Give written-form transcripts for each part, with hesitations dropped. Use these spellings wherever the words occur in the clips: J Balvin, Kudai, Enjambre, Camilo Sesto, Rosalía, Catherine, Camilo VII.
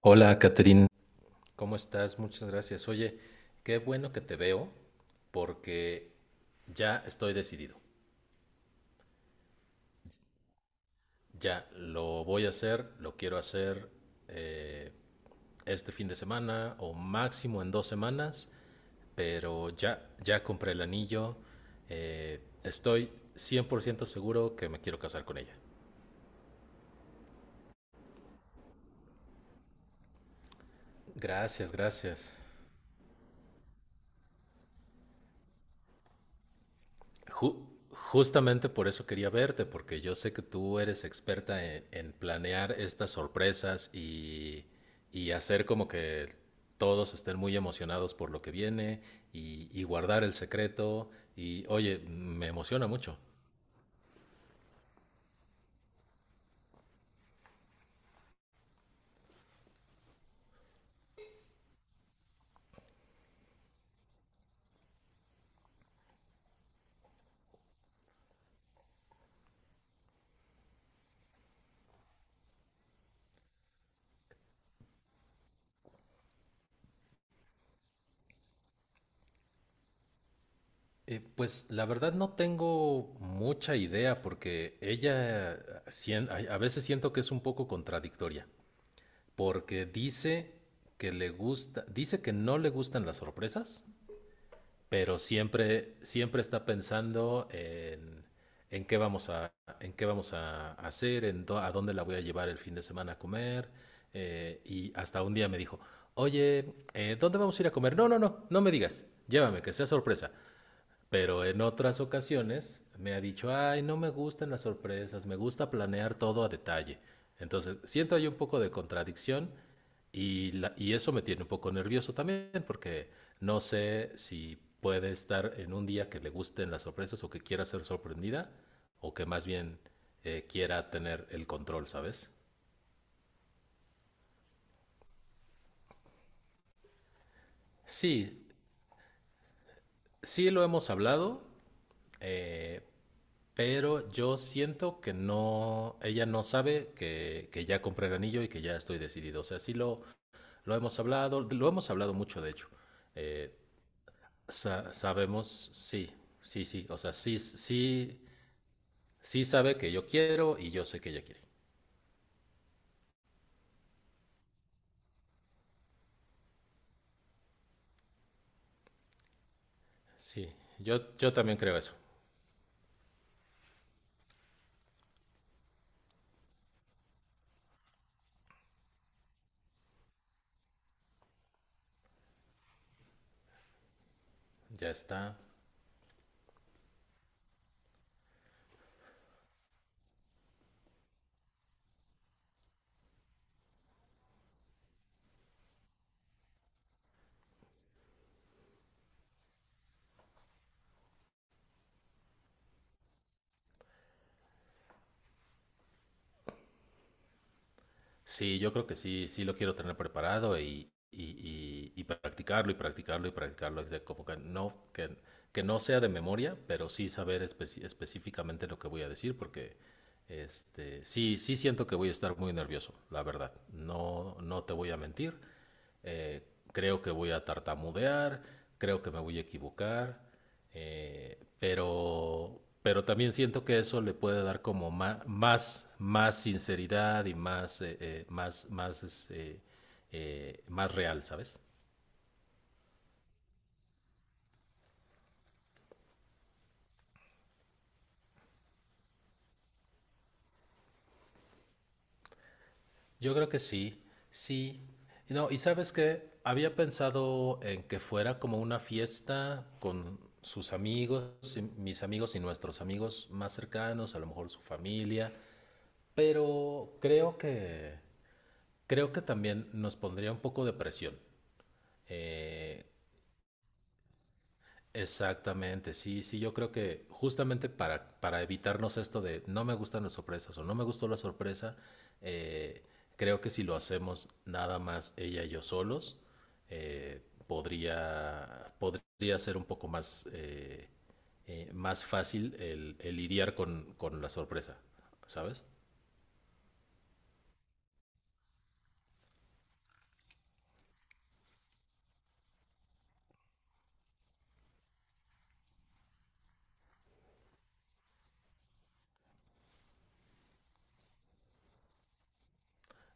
Hola, Catherine. ¿Cómo estás? Muchas gracias. Oye, qué bueno que te veo porque ya estoy decidido. Ya lo voy a hacer, lo quiero hacer eh, este fin de semana o máximo en dos semanas, pero ya compré el anillo. Estoy 100% seguro que me quiero casar con ella. Gracias, gracias. Ju- Justamente por eso quería verte, porque yo sé que tú eres experta en planear estas sorpresas y hacer como que todos estén muy emocionados por lo que viene y guardar el secreto. Y oye, me emociona mucho. Pues la verdad no tengo mucha idea porque ella a veces siento que es un poco contradictoria, porque dice que le gusta, dice que no le gustan las sorpresas, pero siempre, siempre está pensando en qué en qué vamos a hacer, a dónde la voy a llevar el fin de semana a comer. Y hasta un día me dijo, oye, ¿dónde vamos a ir a comer? No, no, no, no me digas, llévame, que sea sorpresa. Pero en otras ocasiones me ha dicho, ay, no me gustan las sorpresas, me gusta planear todo a detalle. Entonces, siento ahí un poco de contradicción y eso me tiene un poco nervioso también porque no sé si puede estar en un día que le gusten las sorpresas o que quiera ser sorprendida o que más bien quiera tener el control, ¿sabes? Sí, sí lo hemos hablado, eh, pero yo siento que no, ella no sabe que ya compré el anillo y que ya estoy decidido. O sea, lo hemos hablado mucho, de hecho. Eh, Sabemos, sí, sí, sí. O sea, sí, sí, sí sabe que yo quiero y yo sé que ella quiere. Sí, yo también creo eso. Ya está. Sí, yo creo que sí, sí lo quiero tener preparado y practicarlo y practicarlo y practicarlo. O sea, como que que no sea de memoria, pero sí saber específicamente lo que voy a decir, porque sí, sí siento que voy a estar muy nervioso, la verdad. No, no te voy a mentir. Eh, Creo que voy a tartamudear, creo que me voy a equivocar. Pero también siento que eso le puede dar como más sinceridad y más, más real, ¿sabes? Yo creo que sí, sí. No, y sabes que había pensado en que fuera como una fiesta con sus amigos, y mis amigos y nuestros amigos más cercanos, a lo mejor su familia, pero creo que también nos pondría un poco de presión. Eh, Exactamente, sí, sí, yo creo que justamente para evitarnos esto de no me gustan las sorpresas o no me gustó la sorpresa, eh, creo que si lo hacemos nada más ella y yo solos, eh, podría ser un poco más fácil el lidiar con la sorpresa, ¿sabes?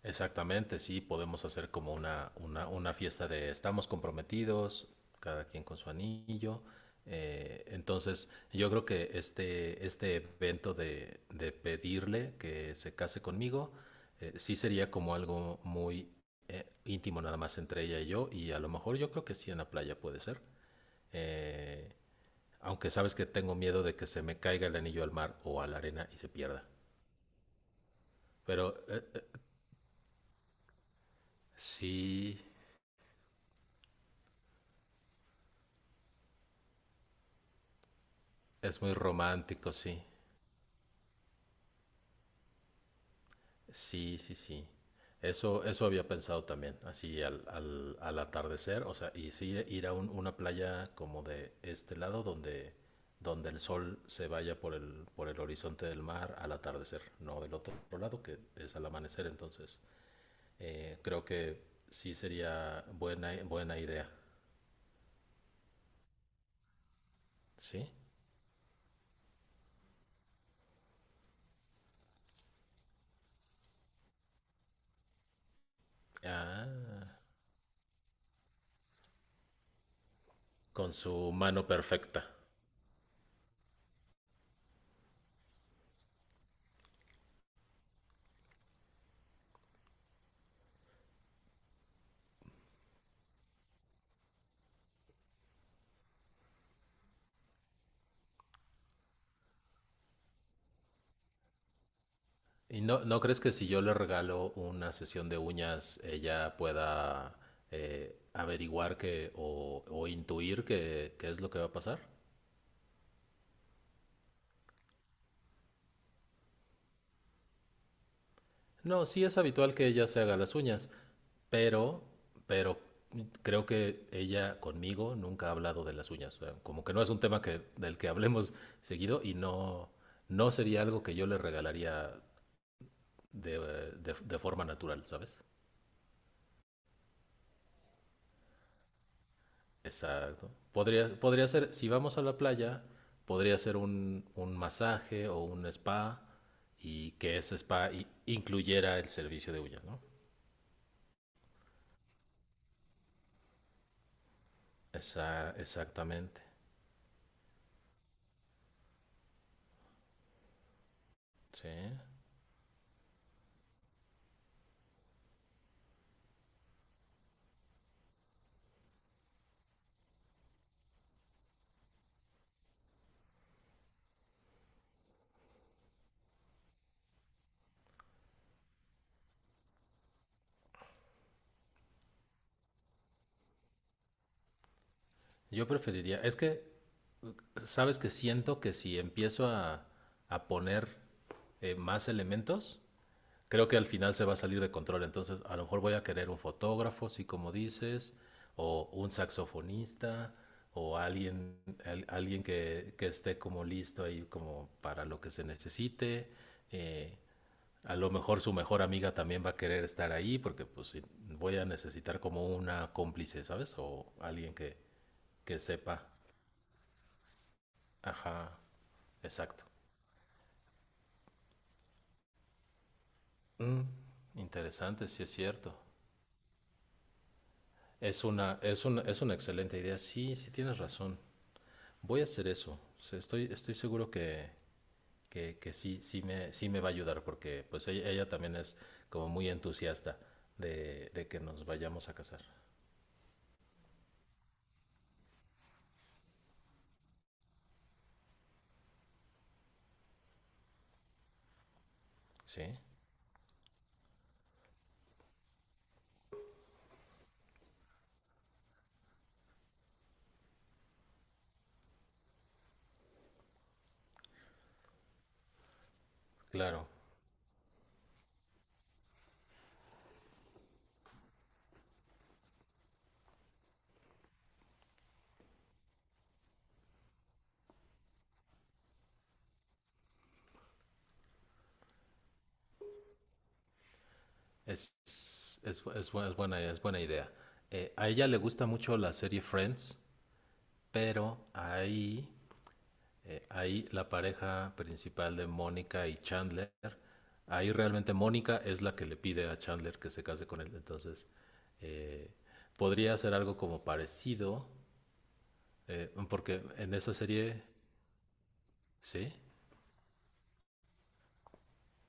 Exactamente, sí, podemos hacer como una fiesta de estamos comprometidos, cada quien con su anillo. Entonces, yo creo que este evento de pedirle que se case conmigo, sí sería como algo muy íntimo nada más entre ella y yo, y a lo mejor yo creo que sí en la playa puede ser. Eh, Aunque sabes que tengo miedo de que se me caiga el anillo al mar o a la arena y se pierda. Pero sí. Es muy romántico, sí. Sí, sí, sí. Eso había pensado también, así al atardecer, o sea, y sí ir a una playa como de este lado donde, donde el sol se vaya por el horizonte del mar al atardecer, no del otro lado que es al amanecer, entonces creo que sí sería buena, buena idea, ¿sí? Ah, con su mano perfecta. ¿Y no, no crees que si yo le regalo una sesión de uñas, ella pueda averiguar o intuir qué es lo que va a pasar? No, sí es habitual que ella se haga las uñas, pero, pero creo que ella conmigo nunca ha hablado de las uñas. O sea, como que no es un tema que, del que hablemos seguido y no, no sería algo que yo le regalaría de, de forma natural, ¿sabes? Exacto. Podría ser, si vamos a la playa, podría ser un masaje o un spa y que ese spa incluyera el servicio de uñas, ¿no? Esa- exactamente. Sí. Yo preferiría, es que, sabes que siento que si a poner más elementos, creo que al final se va a salir de control, entonces a lo mejor voy a querer un fotógrafo, sí, como dices, o un saxofonista, o alguien, alguien que esté como listo ahí como para lo que se necesite. Eh, a lo mejor su mejor amiga también va a querer estar ahí porque pues sí, voy a necesitar como una cómplice, ¿sabes? O alguien que sepa. Ajá, exacto. Mm, interesante, sí es cierto. Es una excelente idea. Sí, sí tienes razón. Voy a hacer eso. O sea, estoy seguro que sí, sí me va a ayudar porque pues ella también es como muy entusiasta de que nos vayamos a casar. Sí, claro. Es, es es buena idea. A ella le gusta mucho la serie Friends, pero ahí ahí la pareja principal de Mónica y Chandler, ahí realmente Mónica es la que le pide a Chandler que se case con él. Entonces, eh, podría ser algo como parecido, porque en esa serie, sí,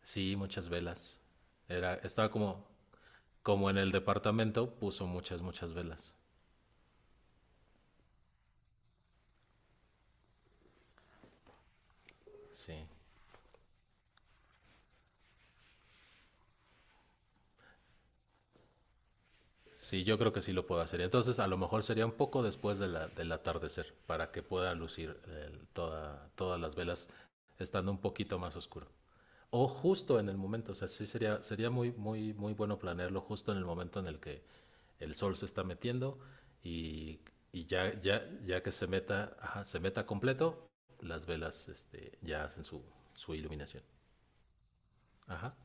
sí, muchas velas. Era, estaba como, como en el departamento, puso muchas, muchas velas. Sí. Sí, yo creo que sí lo puedo hacer. Entonces, a lo mejor sería un poco después del atardecer para que pueda lucir toda, todas las velas estando un poquito más oscuro. O justo en el momento, o sea, sería muy, muy, muy bueno planearlo justo en el momento en el que el sol se está metiendo y, y ya que se meta, ajá, se meta completo, las velas, ya hacen su iluminación. Ajá,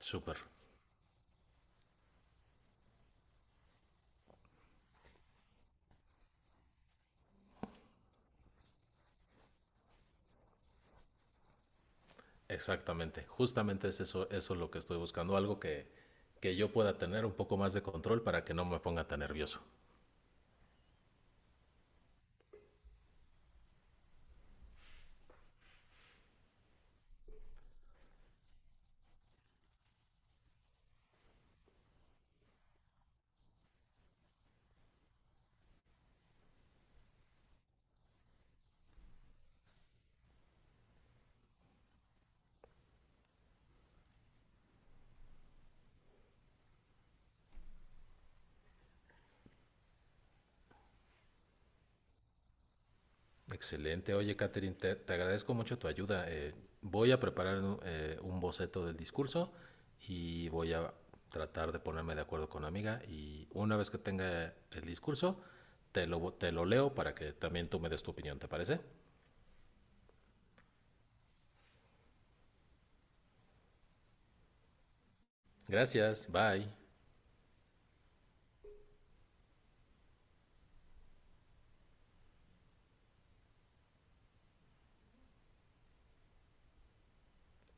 súper. Exactamente, justamente es eso, eso es lo que estoy buscando, algo que yo pueda tener un poco más de control para que no me ponga tan nervioso. Excelente, oye Catherine, te agradezco mucho tu ayuda. Voy a preparar un boceto del discurso y voy a tratar de ponerme de acuerdo con la amiga y una vez que tenga el discurso, te lo leo para que también tú me des tu opinión, ¿te parece? Gracias, bye.